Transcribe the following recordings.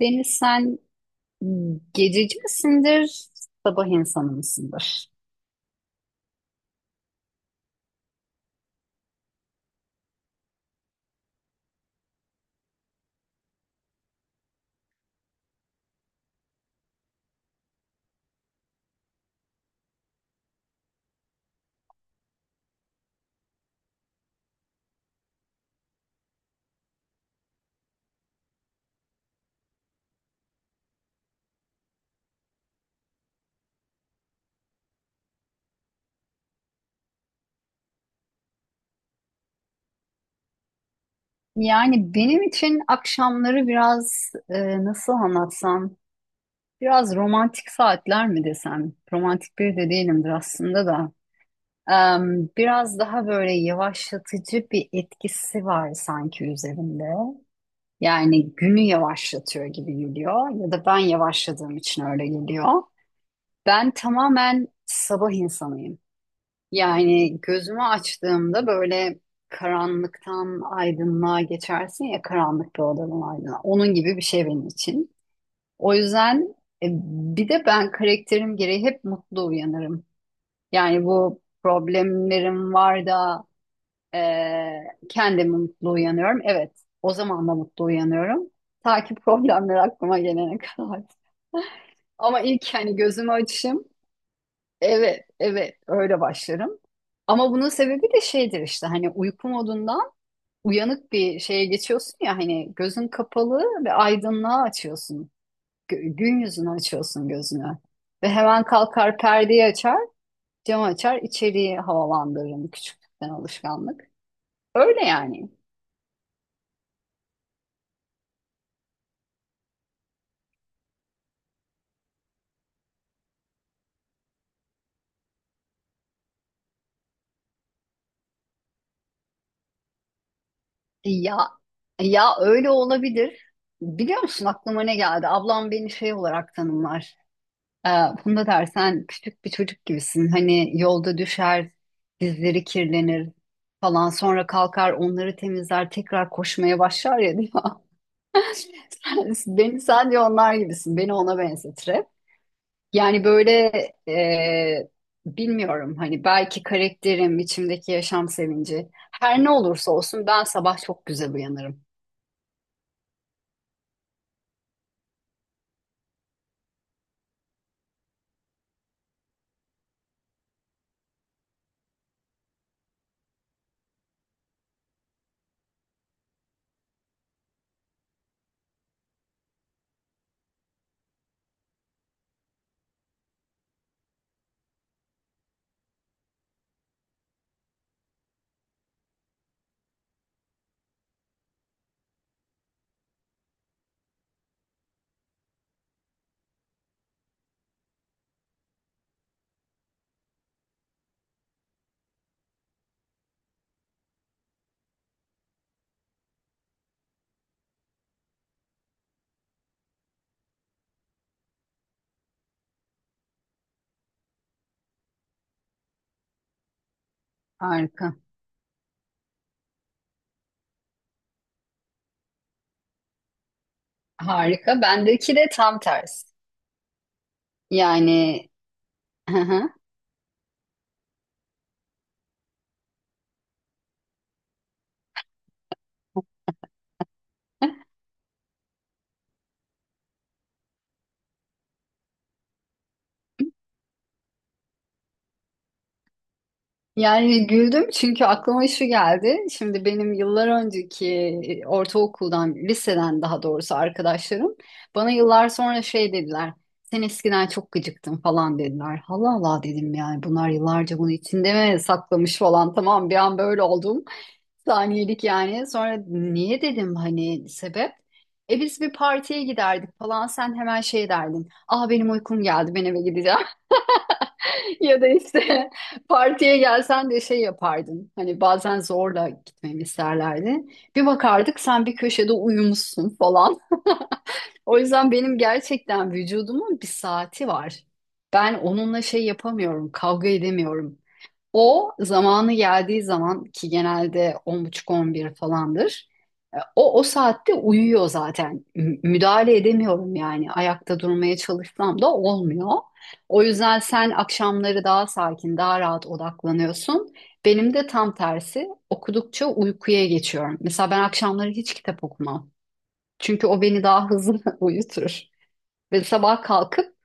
Deniz sen gececi misindir, sabah insanı mısındır? Yani benim için akşamları biraz nasıl anlatsam, biraz romantik saatler mi desem? Romantik biri de değilimdir aslında da. Biraz daha böyle yavaşlatıcı bir etkisi var sanki üzerinde. Yani günü yavaşlatıyor gibi geliyor ya da ben yavaşladığım için öyle geliyor. Ben tamamen sabah insanıyım. Yani gözümü açtığımda böyle karanlıktan aydınlığa geçersin ya karanlık bir odadan aydınlığa. Onun gibi bir şey benim için. O yüzden e, bir de ben karakterim gereği hep mutlu uyanırım. Yani bu problemlerim var da kendimi mutlu uyanıyorum. Evet, o zaman da mutlu uyanıyorum. Ta ki problemler aklıma gelene kadar. Ama ilk hani gözümü açışım. Evet, evet öyle başlarım. Ama bunun sebebi de şeydir işte hani uyku modundan uyanık bir şeye geçiyorsun ya hani gözün kapalı ve aydınlığa açıyorsun. Gün yüzünü açıyorsun gözünü. Ve hemen kalkar perdeyi açar, camı açar, içeriği havalandırırım küçüklükten alışkanlık. Öyle yani. E Ya ya öyle olabilir. Biliyor musun aklıma ne geldi? Ablam beni şey olarak tanımlar. Ee, Funda der sen küçük bir çocuk gibisin. Hani yolda düşer, dizleri kirlenir falan. Sonra kalkar onları temizler, tekrar koşmaya başlar ya diyor. Beni sen diyor onlar gibisin. Beni ona benzetir hep. Yani böyle e, bilmiyorum hani belki karakterim, içimdeki yaşam sevinci. Her ne olursa olsun ben sabah çok güzel uyanırım. Harika. Harika. Bendeki de tam tersi. Yani Yani güldüm çünkü aklıma şu geldi. Şimdi benim yıllar önceki ortaokuldan, liseden daha doğrusu arkadaşlarım bana yıllar sonra şey dediler. Sen eskiden çok gıcıktın falan dediler. Allah Allah dedim yani bunlar yıllarca bunu içinde mi saklamış falan. Tamam bir an böyle oldum. Saniyelik yani. Sonra niye dedim hani sebep? E biz bir partiye giderdik falan sen hemen şey derdin. Aa benim uykum geldi ben eve gideceğim. Ya da işte partiye gelsen de şey yapardın. Hani bazen zorla gitmemi isterlerdi. Bir bakardık sen bir köşede uyumuşsun falan. O yüzden benim gerçekten vücudumun bir saati var. Ben onunla şey yapamıyorum, kavga edemiyorum. O zamanı geldiği zaman ki genelde 10:30-11 falandır. O saatte uyuyor zaten. Müdahale edemiyorum yani. Ayakta durmaya çalışsam da olmuyor. O yüzden sen akşamları daha sakin, daha rahat odaklanıyorsun. Benim de tam tersi. Okudukça uykuya geçiyorum. Mesela ben akşamları hiç kitap okumam. Çünkü o beni daha hızlı uyutur. Ve sabah kalkıp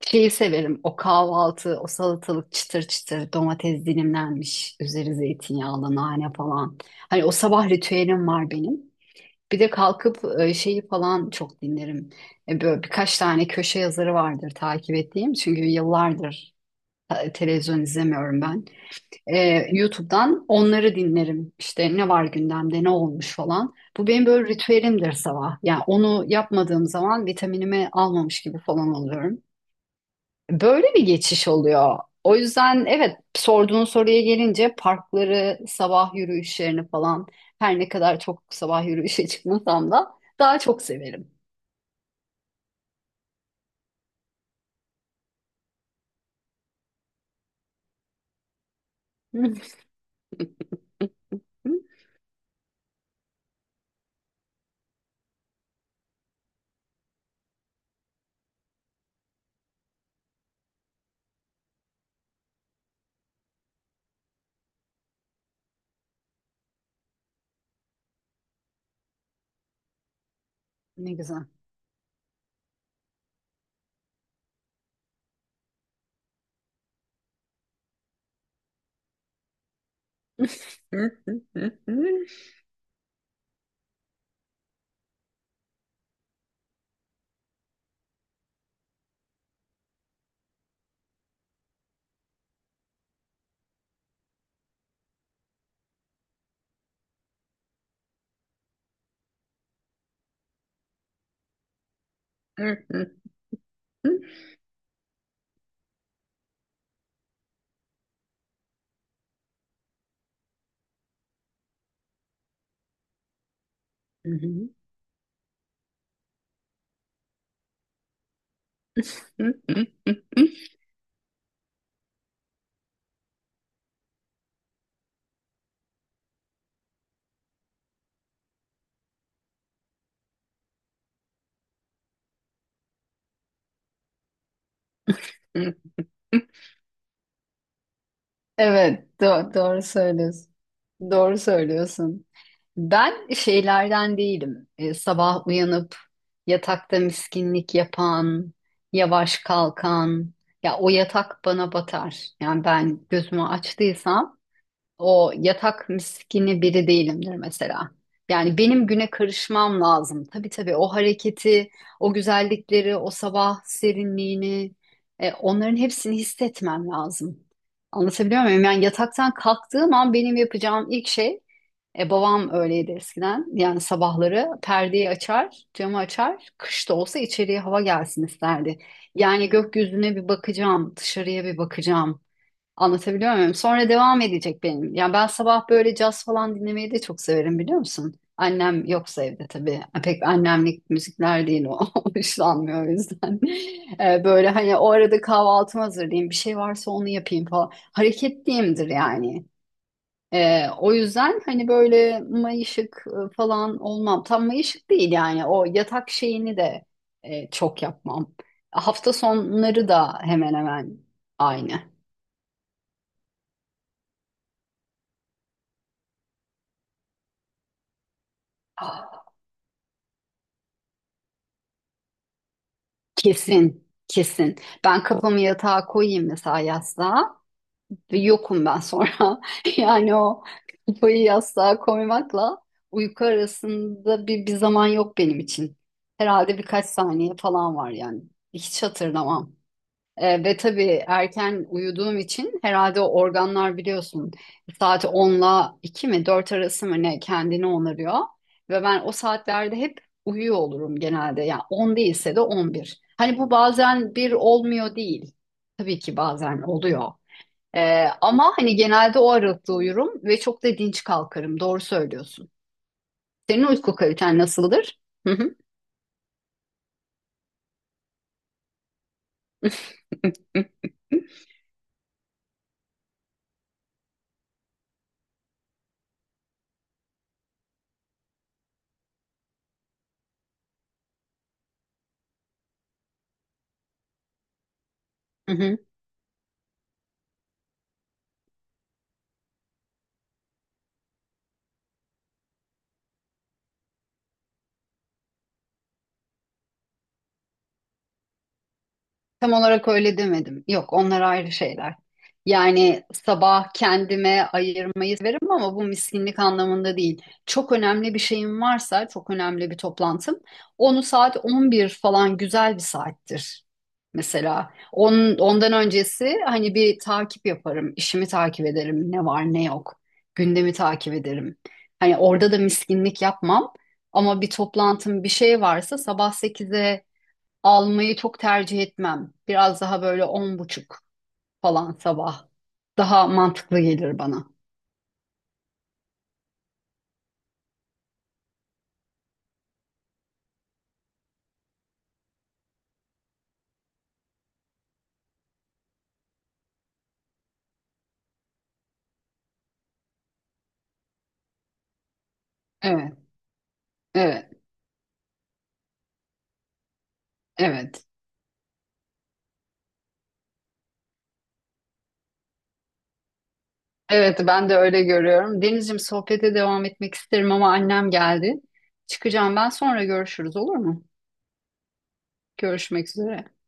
şeyi severim. O kahvaltı, o salatalık çıtır çıtır, domates dilimlenmiş, üzeri zeytinyağlı, nane falan. Hani o sabah ritüelim var benim. Bir de kalkıp şeyi falan çok dinlerim. Böyle birkaç tane köşe yazarı vardır takip ettiğim. Çünkü yıllardır televizyon izlemiyorum ben. E, YouTube'dan onları dinlerim. İşte ne var gündemde, ne olmuş falan. Bu benim böyle ritüelimdir sabah. Yani onu yapmadığım zaman vitaminimi almamış gibi falan oluyorum. Böyle bir geçiş oluyor. O yüzden evet sorduğun soruya gelince parkları, sabah yürüyüşlerini falan her ne kadar çok sabah yürüyüşe çıkmasam da daha çok severim. Ne güzel. Evet, doğru söylüyorsun. Doğru söylüyorsun. Ben şeylerden değilim. Sabah uyanıp yatakta miskinlik yapan, yavaş kalkan. Ya o yatak bana batar. Yani ben gözümü açtıysam o yatak miskini biri değilimdir mesela. Yani benim güne karışmam lazım. Tabii tabii o hareketi, o güzellikleri, o sabah serinliğini, onların hepsini hissetmem lazım. Anlatabiliyor muyum? Yani yataktan kalktığım an benim yapacağım ilk şey, babam öyleydi eskiden. Yani sabahları perdeyi açar, camı açar, kış da olsa içeriye hava gelsin isterdi. Yani gökyüzüne bir bakacağım, dışarıya bir bakacağım. Anlatabiliyor muyum? Sonra devam edecek benim. Ya ben sabah böyle caz falan dinlemeyi de çok severim biliyor musun? Annem yoksa evde tabii. Pek annemlik müzikler değil o. Hoşlanmıyor o yüzden. Böyle hani o arada kahvaltımı hazırlayayım. Bir şey varsa onu yapayım falan. Hareketliyimdir yani. O yüzden hani böyle mayışık falan olmam. Tam mayışık değil yani. O yatak şeyini de çok yapmam. Hafta sonları da hemen hemen aynı. Kesin, kesin. Ben kafamı yatağa koyayım mesela yastığa ve yokum ben sonra. Yani o kafayı yastığa koymakla uyku arasında bir zaman yok benim için. Herhalde birkaç saniye falan var yani. Hiç hatırlamam. Ve tabii erken uyuduğum için herhalde o organlar biliyorsun saat 10'la 2 mi 4 arası mı ne kendini onarıyor. Ve ben o saatlerde hep uyuyor olurum genelde. Yani 10 değilse de 11. Hani bu bazen bir olmuyor değil. Tabii ki bazen oluyor. Ama hani genelde o aralıkta uyurum ve çok da dinç kalkarım. Doğru söylüyorsun. Senin uyku kaliten nasıldır? Hı hı. Hı hı. Tam olarak öyle demedim. Yok, onlar ayrı şeyler. Yani sabah kendime ayırmayı severim ama bu miskinlik anlamında değil. Çok önemli bir şeyim varsa, çok önemli bir toplantım, onu saat 11 falan güzel bir saattir. Mesela 10 10'dan öncesi hani bir takip yaparım, işimi takip ederim, ne var ne yok, gündemi takip ederim. Hani orada da miskinlik yapmam ama bir toplantım bir şey varsa sabah 8'e almayı çok tercih etmem. Biraz daha böyle 10:30 falan sabah. Daha mantıklı gelir bana. Evet, evet, evet. Evet, ben de öyle görüyorum. Denizciğim sohbete devam etmek isterim ama annem geldi. Çıkacağım ben sonra görüşürüz olur mu? Görüşmek üzere.